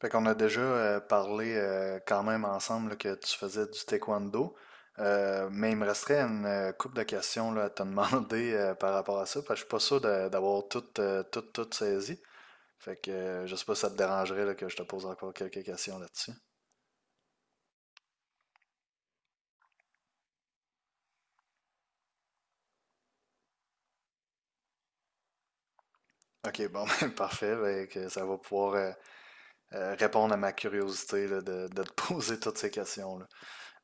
Fait qu'on a déjà parlé quand même ensemble là, que tu faisais du taekwondo. Mais il me resterait une couple de questions là, à te demander par rapport à ça, parce que je suis pas sûr d'avoir tout, tout saisi. Fait que Je sais pas si ça te dérangerait là, que je te pose encore quelques questions là-dessus. Ok, bon, ben, parfait. Fait que ça va pouvoir répondre à ma curiosité là, de te poser toutes ces questions-là.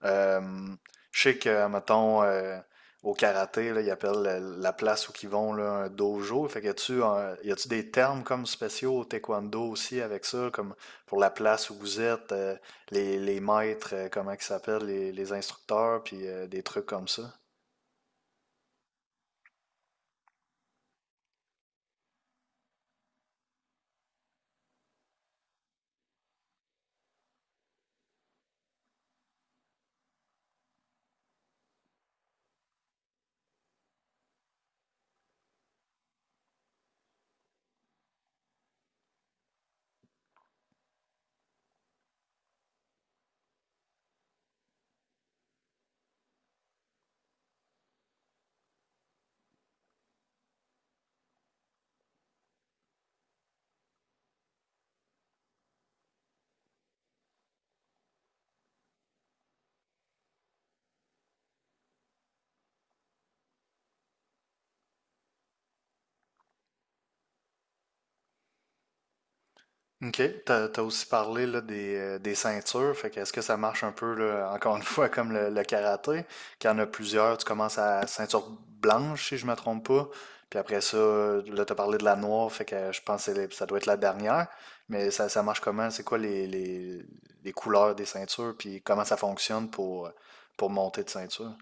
Euh, je sais que, mettons, au karaté, là, ils appellent la place où ils vont là, un dojo. Fait que y a-tu des termes comme spéciaux au taekwondo aussi avec ça, comme pour la place où vous êtes, les maîtres, comment ils s'appellent, les instructeurs, puis des trucs comme ça? OK. T'as aussi parlé là, des ceintures. Fait que est-ce que ça marche un peu, là, encore une fois, comme le karaté, qu'il y en a plusieurs, tu commences à ceinture blanche, si je me trompe pas. Puis après ça, là, t'as parlé de la noire, fait que je pense que ça doit être la dernière. Mais ça marche comment? C'est quoi les couleurs des ceintures? Puis comment ça fonctionne pour monter de ceinture?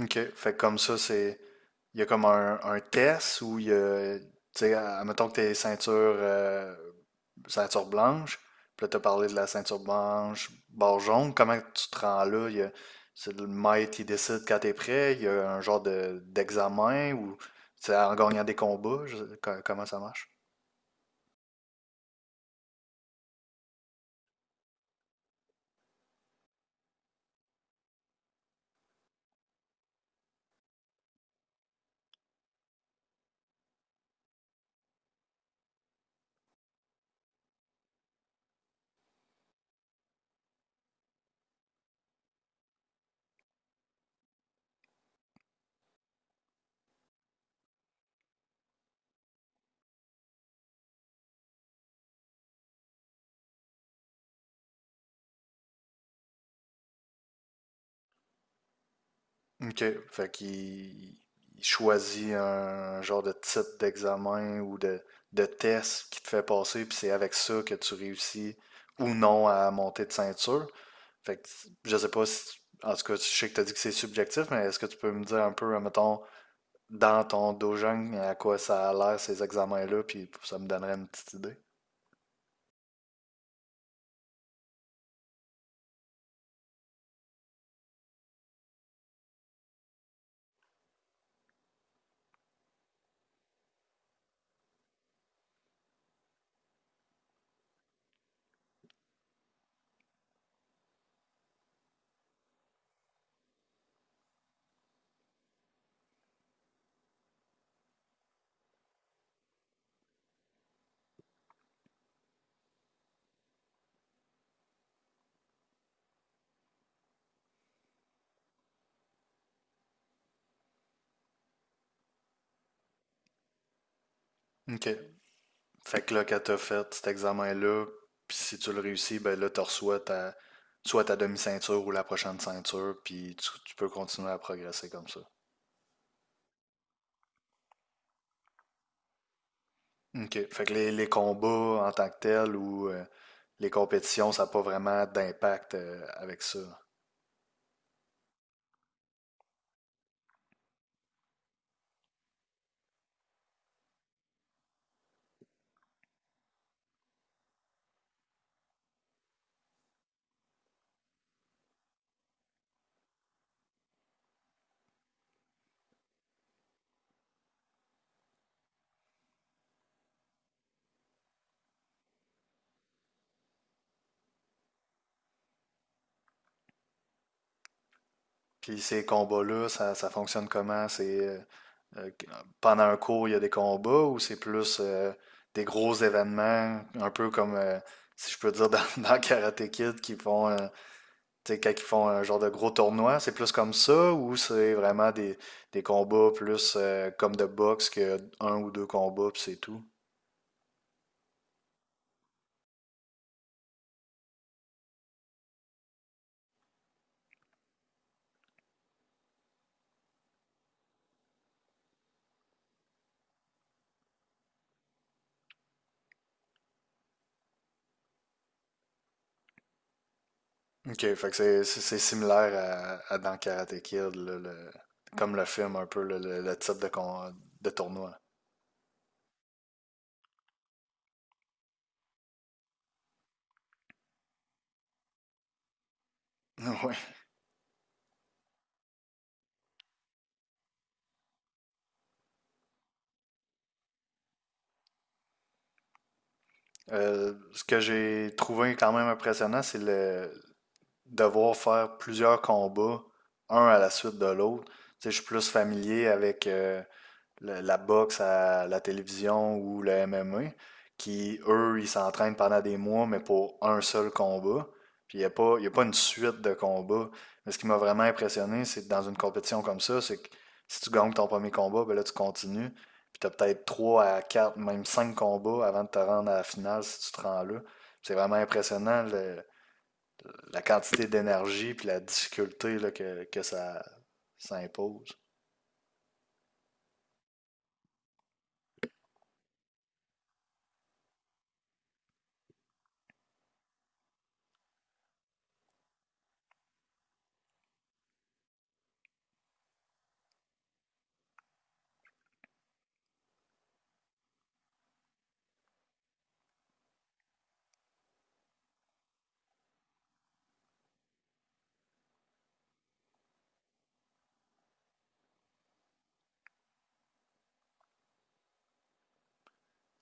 OK. Fait que comme ça, c'est. Il y a comme un test où il y a. Tu sais, à admettons que t'es ceinture ceinture blanche. Puis là, t'as parlé de la ceinture blanche, barre jaune. Comment tu te rends là? C'est le maître qui décide quand t'es prêt. Il y a un genre de, d'examen ou c'est en gagnant des combats. Comment ça marche? Ok. Fait qu'il il choisit un genre de type d'examen ou de test qui te fait passer. Puis c'est avec ça que tu réussis ou non à monter de ceinture. Fait que je sais pas si. En tout cas, je sais que t'as dit que c'est subjectif, mais est-ce que tu peux me dire un peu, mettons, dans ton dojang à quoi ça a l'air ces examens-là, puis ça me donnerait une petite idée. OK. Fait que là, quand t'as fait cet examen-là, puis si tu le réussis, ben là, tu reçois ta, soit ta demi-ceinture ou la prochaine ceinture, puis tu peux continuer à progresser comme ça. OK. Fait que les combats en tant que tels ou les compétitions, ça n'a pas vraiment d'impact avec ça. Puis ces combats-là, ça fonctionne comment? C'est euh, Pendant un cours, il y a des combats ou c'est plus des gros événements, un peu comme si je peux dire dans, dans Karate Kid qui font tu sais, quand ils font un genre de gros tournoi, c'est plus comme ça ou c'est vraiment des combats plus comme de boxe que un ou deux combats puis c'est tout. Ok, fait que c'est similaire à dans Karate Kid, là, comme le film un peu le type de tournoi. Ouais. Ce que j'ai trouvé quand même impressionnant, c'est le devoir faire plusieurs combats, un à la suite de l'autre. Tu sais, je suis plus familier avec la boxe à la télévision ou le MMA, qui, eux, ils s'entraînent pendant des mois, mais pour un seul combat. Puis il n'y a pas, Y a pas une suite de combats. Mais ce qui m'a vraiment impressionné, c'est que dans une compétition comme ça, c'est que si tu gagnes ton premier combat, ben là, tu continues. Puis tu as peut-être 3 à 4, même 5 combats avant de te rendre à la finale si tu te rends là. C'est vraiment impressionnant la quantité d'énergie puis la difficulté là, que ça impose.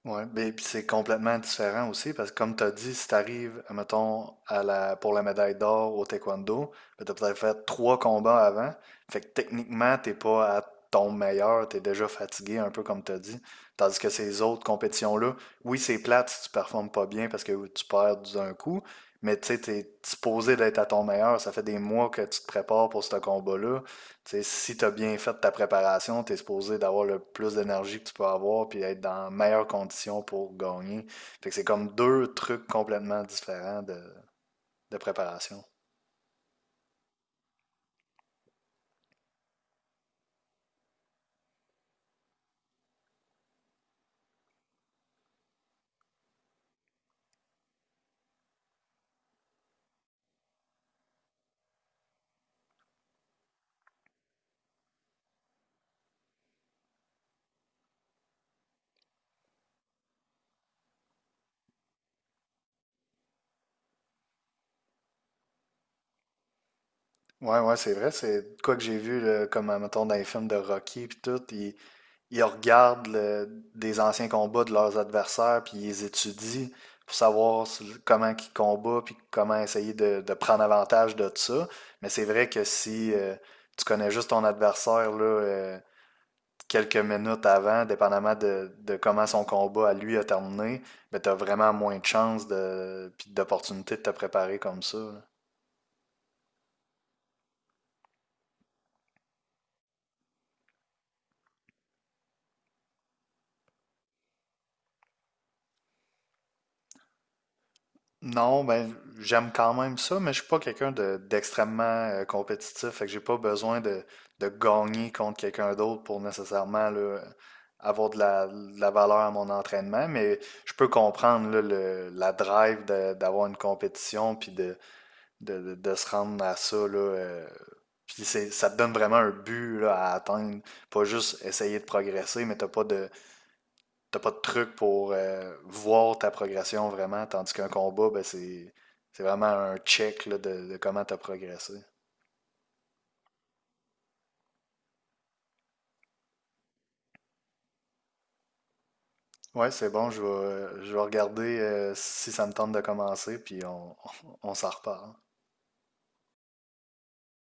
Ouais, beh, puis c'est complètement différent aussi parce que comme tu as dit, si tu arrives, mettons, pour la médaille d'or au taekwondo, ben, tu as peut-être fait trois combats avant. Fait que techniquement, t'es pas à ton meilleur, tu es déjà fatigué, un peu comme tu as dit. Tandis que ces autres compétitions-là, oui, c'est plate si tu performes pas bien parce que tu perds d'un coup, mais tu sais, tu es supposé d'être à ton meilleur. Ça fait des mois que tu te prépares pour ce combat-là. T'sais, si tu as bien fait ta préparation, tu es supposé d'avoir le plus d'énergie que tu peux avoir puis être dans les meilleures conditions pour gagner. Fait que c'est comme deux trucs complètement différents de préparation. Ouais, c'est vrai. C'est quoi que j'ai vu, là, comme, mettons, dans les films de Rocky puis tout, ils regardent des anciens combats de leurs adversaires puis ils les étudient pour savoir comment ils combattent puis comment essayer de prendre avantage de ça. Mais c'est vrai que si tu connais juste ton adversaire, là, quelques minutes avant, dépendamment de comment son combat à lui a terminé, ben t'as vraiment moins de chances de, puis d'opportunités de te préparer comme ça. Là. Non, ben j'aime quand même ça, mais je suis pas d'extrêmement compétitif, fait que j'ai pas besoin de gagner contre quelqu'un d'autre pour nécessairement là, avoir de de la valeur à mon entraînement, mais je peux comprendre là, le, la drive d'avoir une compétition puis de se rendre à ça. Là, puis c'est, ça te donne vraiment un but là, à atteindre. Pas juste essayer de progresser, mais t'as pas de truc pour voir ta progression vraiment. Tandis qu'un combat, ben c'est vraiment un check là, de comment t'as progressé. Ouais, c'est bon, je vais regarder si ça me tente de commencer, puis on s'en reparle.